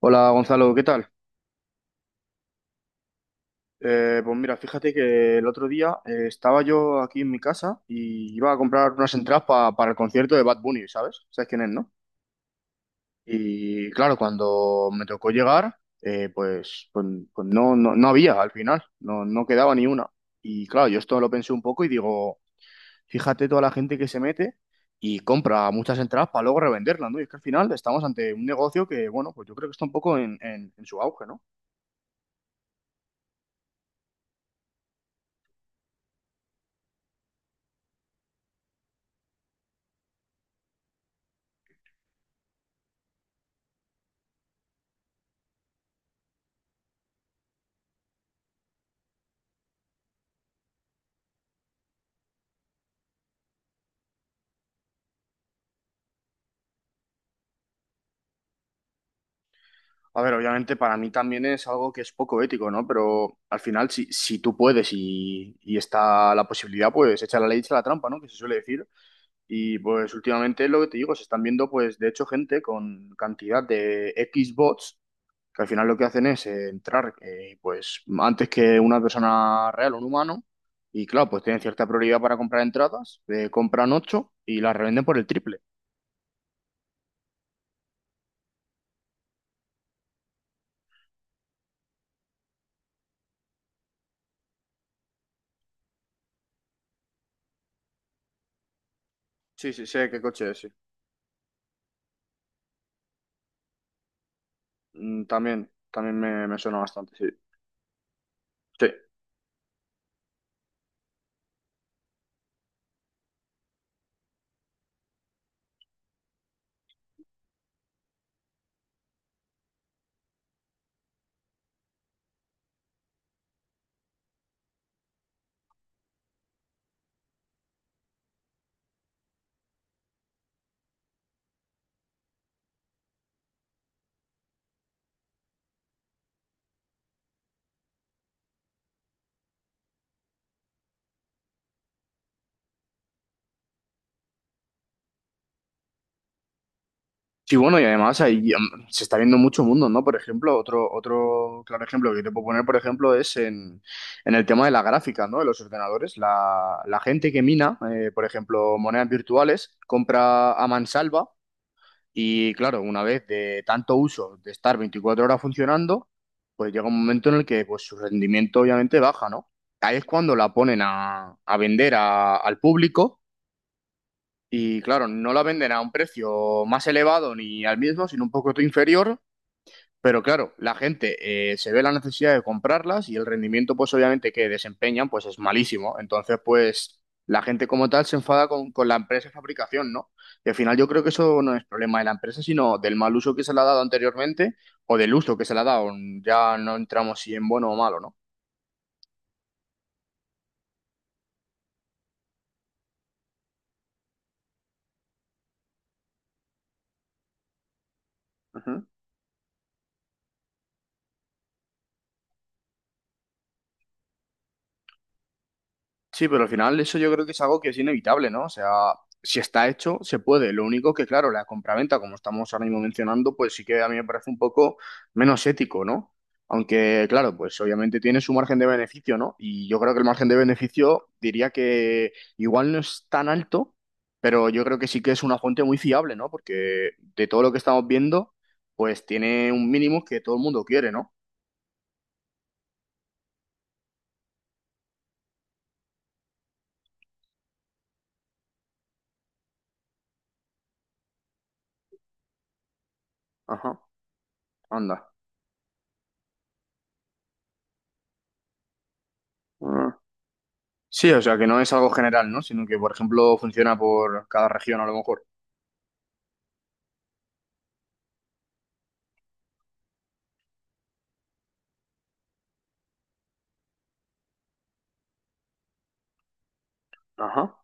Hola Gonzalo, ¿qué tal? Pues mira, fíjate que el otro día estaba yo aquí en mi casa y iba a comprar unas entradas para el concierto de Bad Bunny, ¿sabes? ¿Sabes quién es, no? Y claro, cuando me tocó llegar, pues no, no había al final, no, no quedaba ni una. Y claro, yo esto lo pensé un poco y digo, fíjate toda la gente que se mete y compra muchas entradas para luego revenderlas, ¿no? Y es que al final estamos ante un negocio que, bueno, pues yo creo que está un poco en en su auge, ¿no? A ver, obviamente para mí también es algo que es poco ético, ¿no? Pero al final, si tú puedes y está la posibilidad, pues echa la ley, echa la trampa, ¿no? Que se suele decir. Y pues últimamente lo que te digo, se están viendo, pues de hecho, gente con cantidad de X bots, que al final lo que hacen es entrar, pues antes que una persona real o un humano. Y claro, pues tienen cierta prioridad para comprar entradas, compran ocho y las revenden por el triple. Sí, sí, sé qué coche es, sí. Mm, también, también me suena bastante, sí. Sí. Sí, bueno, y además ahí se está viendo mucho mundo, ¿no? Por ejemplo, otro, otro claro ejemplo que te puedo poner, por ejemplo, es en el tema de la gráfica, ¿no? De los ordenadores. La gente que mina, por ejemplo, monedas virtuales, compra a mansalva y, claro, una vez de tanto uso, de estar 24 horas funcionando, pues llega un momento en el que pues, su rendimiento obviamente baja, ¿no? Ahí es cuando la ponen a vender al público y claro, no la venden a un precio más elevado ni al mismo, sino un poco inferior. Pero claro, la gente se ve la necesidad de comprarlas y el rendimiento, pues obviamente que desempeñan, pues es malísimo. Entonces, pues la gente como tal se enfada con la empresa de fabricación, ¿no? Y al final yo creo que eso no es problema de la empresa, sino del mal uso que se le ha dado anteriormente o del uso que se le ha dado. Ya no entramos si en bueno o malo, ¿no? Ujú. Sí, pero al final eso yo creo que es algo que es inevitable, ¿no? O sea, si está hecho, se puede. Lo único que, claro, la compraventa, como estamos ahora mismo mencionando, pues sí que a mí me parece un poco menos ético, ¿no? Aunque, claro, pues obviamente tiene su margen de beneficio, ¿no? Y yo creo que el margen de beneficio diría que igual no es tan alto, pero yo creo que sí que es una fuente muy fiable, ¿no? Porque de todo lo que estamos viendo, pues tiene un mínimo que todo el mundo quiere, ¿no? Ajá, anda. Ah. Sí, o sea, que no es algo general, ¿no? Sino que, por ejemplo, funciona por cada región a lo mejor. Ajá.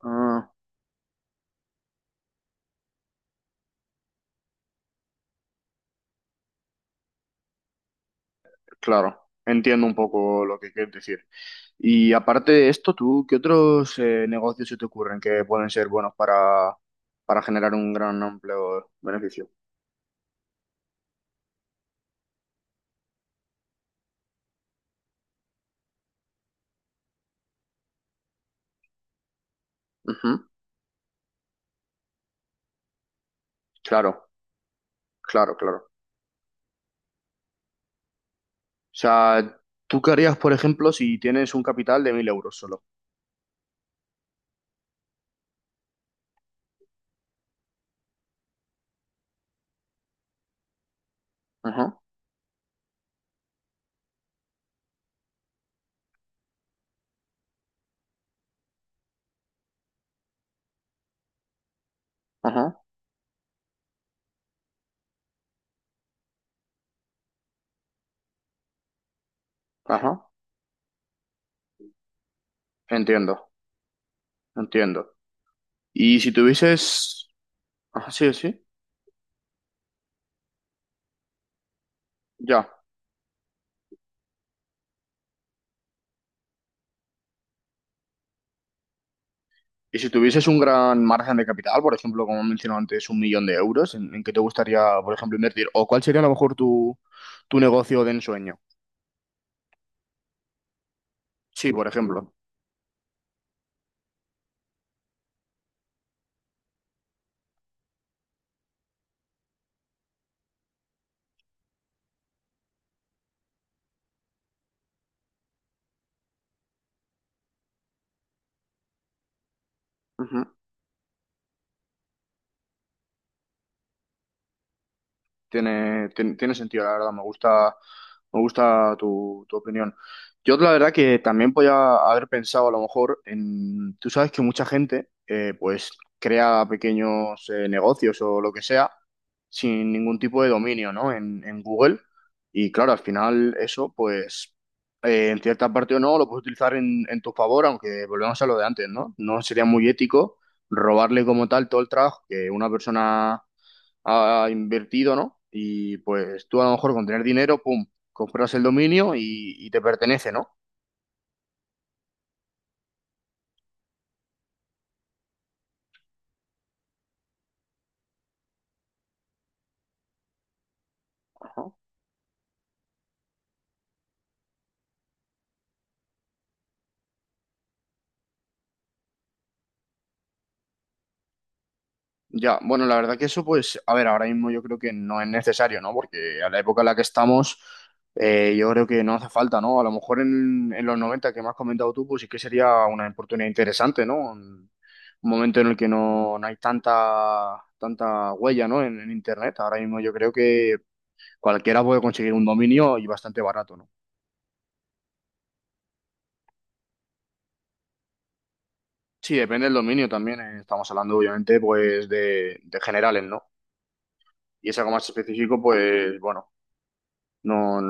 Ah, claro. Entiendo un poco lo que quieres decir. Y aparte de esto, ¿tú qué otros negocios se te ocurren que pueden ser buenos para generar un gran amplio beneficio? Ujú. Claro, claro, claro. O sea, ¿tú qué harías, por ejemplo, si tienes un capital de 1.000 euros solo? Ajá, ajá, ajá. Entiendo, entiendo. Y si tuvieses... Ajá, sí, sí. Ya. Y si tuvieses un gran margen de capital, por ejemplo, como he mencionado antes, 1.000.000 de euros, en qué te gustaría, por ejemplo, invertir? ¿O cuál sería a lo mejor tu, tu negocio de ensueño? Sí, por ejemplo. Ujú. Tiene, tiene, tiene sentido, la verdad. Me gusta tu opinión. Yo la verdad que también podía haber pensado a lo mejor en, tú sabes que mucha gente pues crea pequeños negocios o lo que sea sin ningún tipo de dominio, ¿no? En Google. Y claro, al final eso pues en cierta parte o no lo puedes utilizar en tu favor, aunque volvemos a lo de antes, ¿no? No sería muy ético robarle como tal todo el trabajo que una persona ha invertido, ¿no? Y pues tú a lo mejor con tener dinero, pum, compras el dominio y te pertenece, ¿no? Ajá. Ya, bueno, la verdad que eso, pues, a ver, ahora mismo yo creo que no es necesario, ¿no? Porque a la época en la que estamos, yo creo que no hace falta, ¿no? A lo mejor en los 90 que me has comentado tú, pues sí que sería una oportunidad interesante, ¿no? Un momento en el que no, no hay tanta, tanta huella, ¿no? En Internet. Ahora mismo yo creo que cualquiera puede conseguir un dominio y bastante barato, ¿no? Sí, depende del dominio también. Estamos hablando, obviamente, pues de generales, ¿no? Y es algo más específico, pues bueno, no,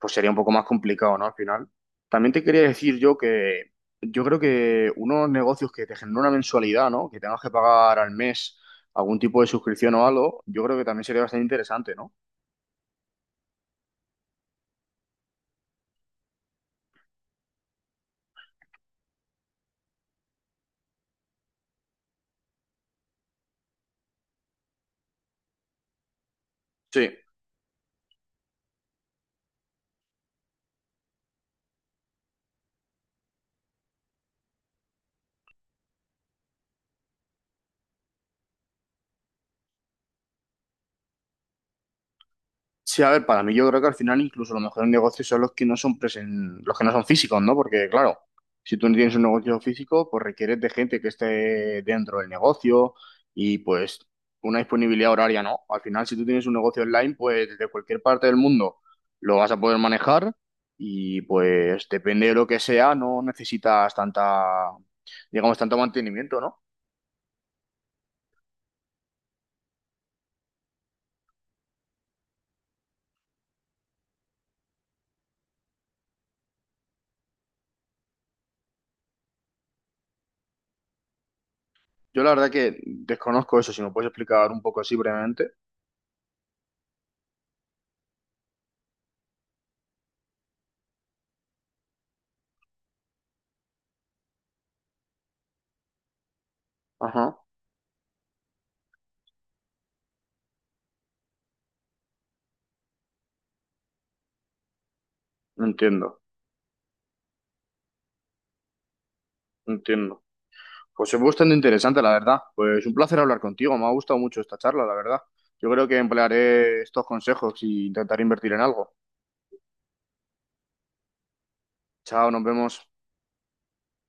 pues sería un poco más complicado, ¿no? Al final. También te quería decir yo que yo creo que unos negocios que te generan una mensualidad, ¿no? Que tengas que pagar al mes algún tipo de suscripción o algo, yo creo que también sería bastante interesante, ¿no? Sí. Sí, a ver, para mí yo creo que al final incluso los mejores negocios son los que no son los que no son físicos, ¿no? Porque claro, si tú no tienes un negocio físico, pues requieres de gente que esté dentro del negocio y pues una disponibilidad horaria, ¿no? Al final, si tú tienes un negocio online, pues desde cualquier parte del mundo lo vas a poder manejar y pues depende de lo que sea, no necesitas tanta, digamos, tanto mantenimiento, ¿no? Yo la verdad que desconozco eso, si me puedes explicar un poco así brevemente. Ajá, entiendo, entiendo. Pues es bastante interesante, la verdad. Pues un placer hablar contigo. Me ha gustado mucho esta charla, la verdad. Yo creo que emplearé estos consejos y intentaré invertir en algo. Chao, nos vemos.